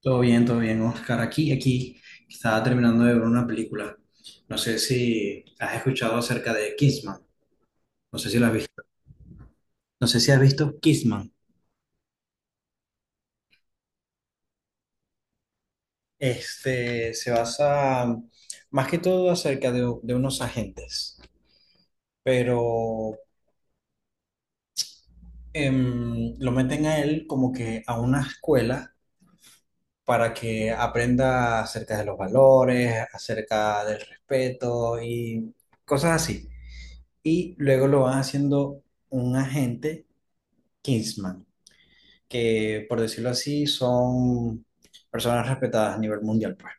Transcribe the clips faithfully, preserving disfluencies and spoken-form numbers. Todo bien, todo bien, Oscar. Aquí, aquí, estaba terminando de ver una película. No sé si has escuchado acerca de Kissman. No sé si lo has visto. No sé si has visto Kissman. Este se basa más que todo acerca de, de unos agentes, pero em, lo meten a él como que a una escuela para que aprenda acerca de los valores, acerca del respeto y cosas así. Y luego lo van haciendo un agente Kingsman, que por decirlo así son personas respetadas a nivel mundial, pues.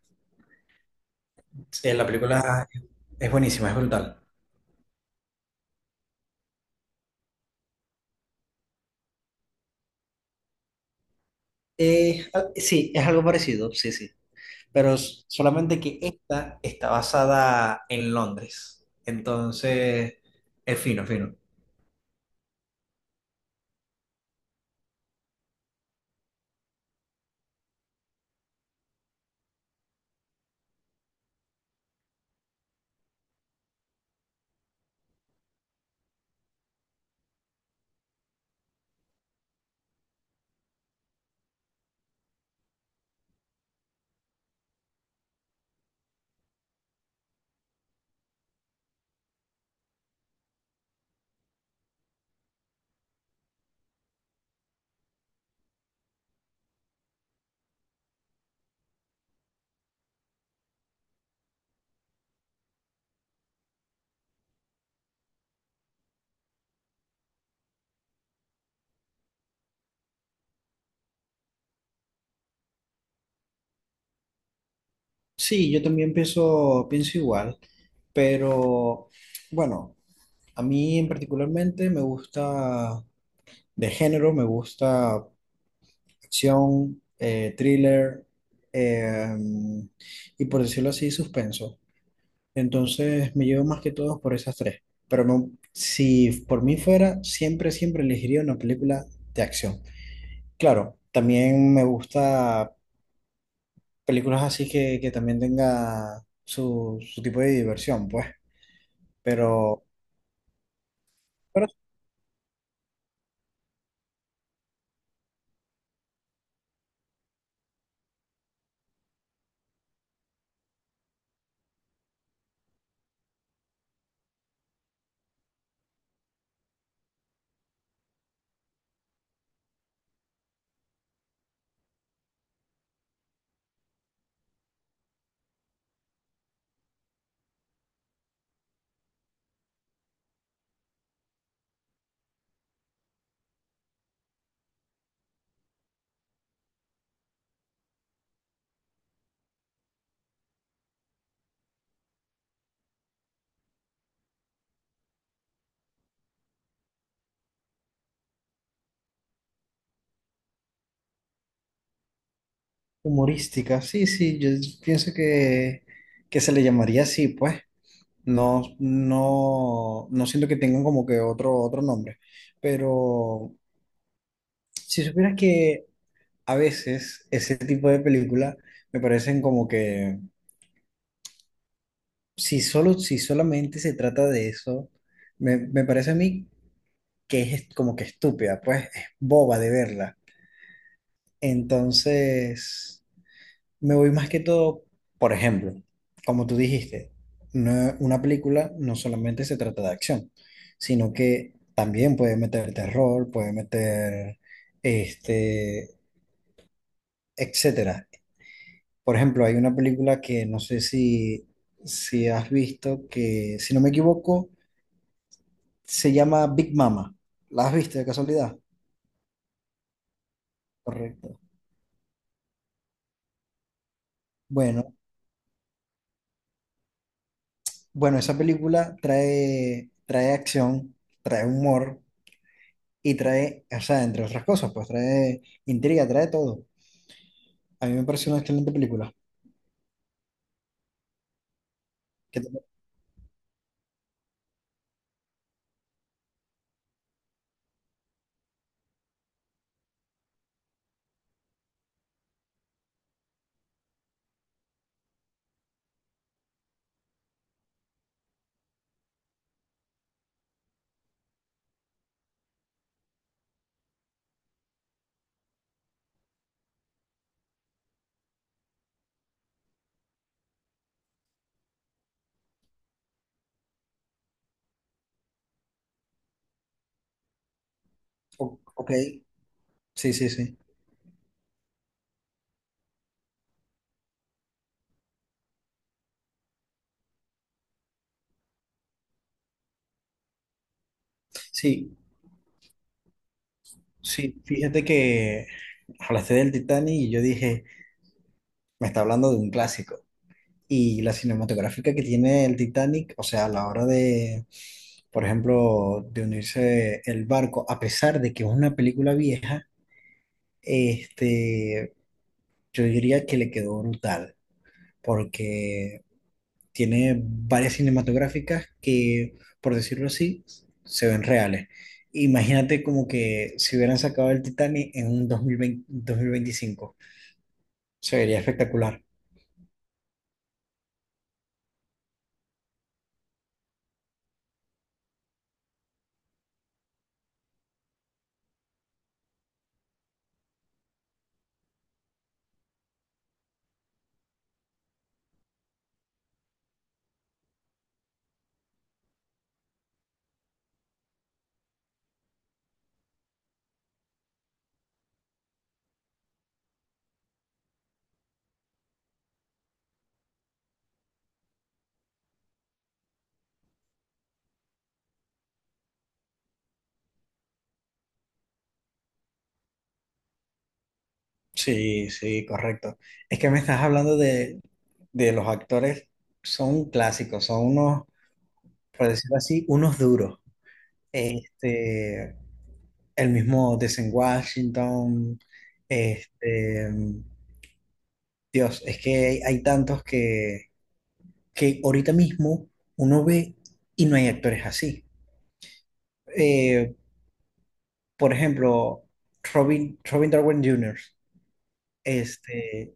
Eh, la película es buenísima, es brutal. Eh, ah, sí, es algo parecido, sí, sí. Pero s- solamente que esta está basada en Londres. Entonces, es fino, fino. Sí, yo también pienso, pienso igual, pero bueno, a mí en particularmente me gusta de género, me gusta acción, eh, thriller eh, y por decirlo así, suspenso. Entonces me llevo más que todo por esas tres. Pero no, si por mí fuera, siempre, siempre elegiría una película de acción. Claro, también me gusta películas así que, que también tenga su, su tipo de diversión, pues. Pero, pero humorística, sí, sí, yo pienso que, que se le llamaría así, pues. No, no, no siento que tengan como que otro, otro nombre. Pero si supieras que a veces ese tipo de películas me parecen como que si solo, si solamente se trata de eso, me, me parece a mí que es como que estúpida, pues es boba de verla. Entonces. Me voy más que todo, por ejemplo, como tú dijiste, no- una película no solamente se trata de acción, sino que también puede meter terror, puede meter, este, etcétera. Por ejemplo, hay una película que no sé si, si has visto, que si no me equivoco, se llama Big Mama. ¿La has visto de casualidad? Correcto. Bueno, bueno, esa película trae, trae acción, trae humor y trae, o sea, entre otras cosas, pues trae intriga, trae todo. A mí me parece una excelente película. ¿Qué te- o- ok, sí, sí, sí. Sí, sí, fíjate que hablaste del Titanic y yo dije, me está hablando de un clásico. Y la cinematográfica que tiene el Titanic, o sea, a la hora de, por ejemplo, de unirse el barco, a pesar de que es una película vieja, este, yo diría que le quedó brutal, porque tiene varias cinematográficas que, por decirlo así, se ven reales. Imagínate como que si hubieran sacado el Titanic en un dos dos mil veinte dos mil veinticinco, se vería espectacular. Sí, sí, correcto. Es que me estás hablando de, de los actores, son clásicos, son unos, por decirlo así, unos duros. Este, el mismo Denzel Washington, este, Dios, es que hay, hay tantos que, que ahorita mismo uno ve y no hay actores así. Eh, por ejemplo, Robin, Robin Darwin junior, este,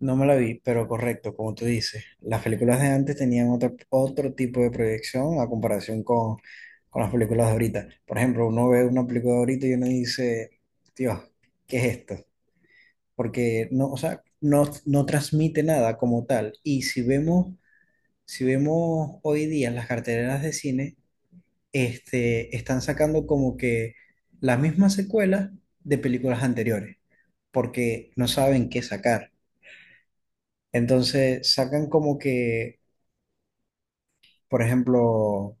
no me la vi, pero correcto, como tú dices. Las películas de antes tenían otro, otro tipo de proyección a comparación con, con las películas de ahorita. Por ejemplo, uno ve una película de ahorita y uno dice, Dios, ¿qué es esto? Porque no, o sea, no, no transmite nada como tal. Y si vemos, si vemos hoy día las carteleras de cine, este, están sacando como que las mismas secuelas de películas anteriores, porque no saben qué sacar. Entonces sacan como que, por ejemplo,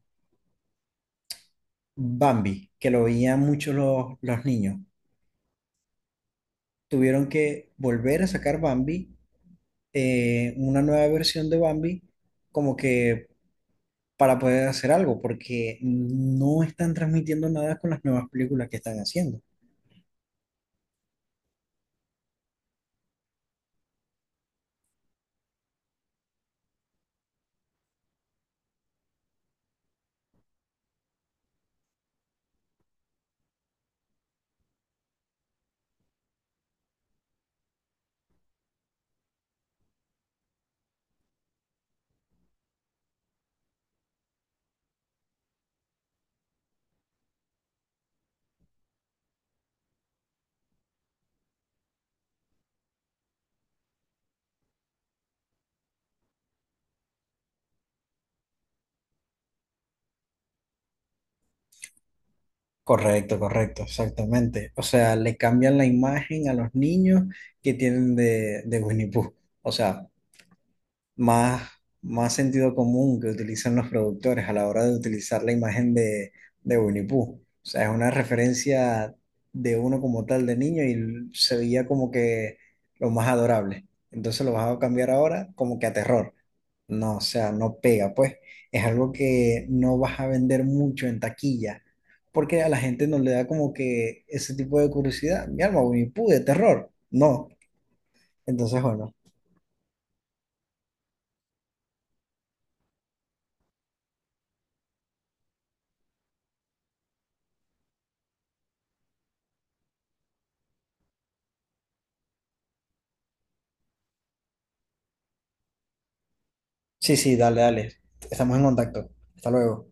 Bambi, que lo veían muchos los, los niños, tuvieron que volver a sacar Bambi, eh, una nueva versión de Bambi, como que para poder hacer algo, porque no están transmitiendo nada con las nuevas películas que están haciendo. Correcto, correcto, exactamente. O sea, le cambian la imagen a los niños que tienen de, de Winnie Pooh. O sea, más, más sentido común que utilizan los productores a la hora de utilizar la imagen de, de Winnie Pooh. O sea, es una referencia de uno como tal de niño y se veía como que lo más adorable. Entonces lo vas a cambiar ahora como que a terror. No, o sea, no pega, pues. Es algo que no vas a vender mucho en taquilla, porque a la gente no le da como que ese tipo de curiosidad. Mi alma, Winnie Pooh de terror. No. Entonces, bueno. Sí, sí, dale, dale. Estamos en contacto. Hasta luego.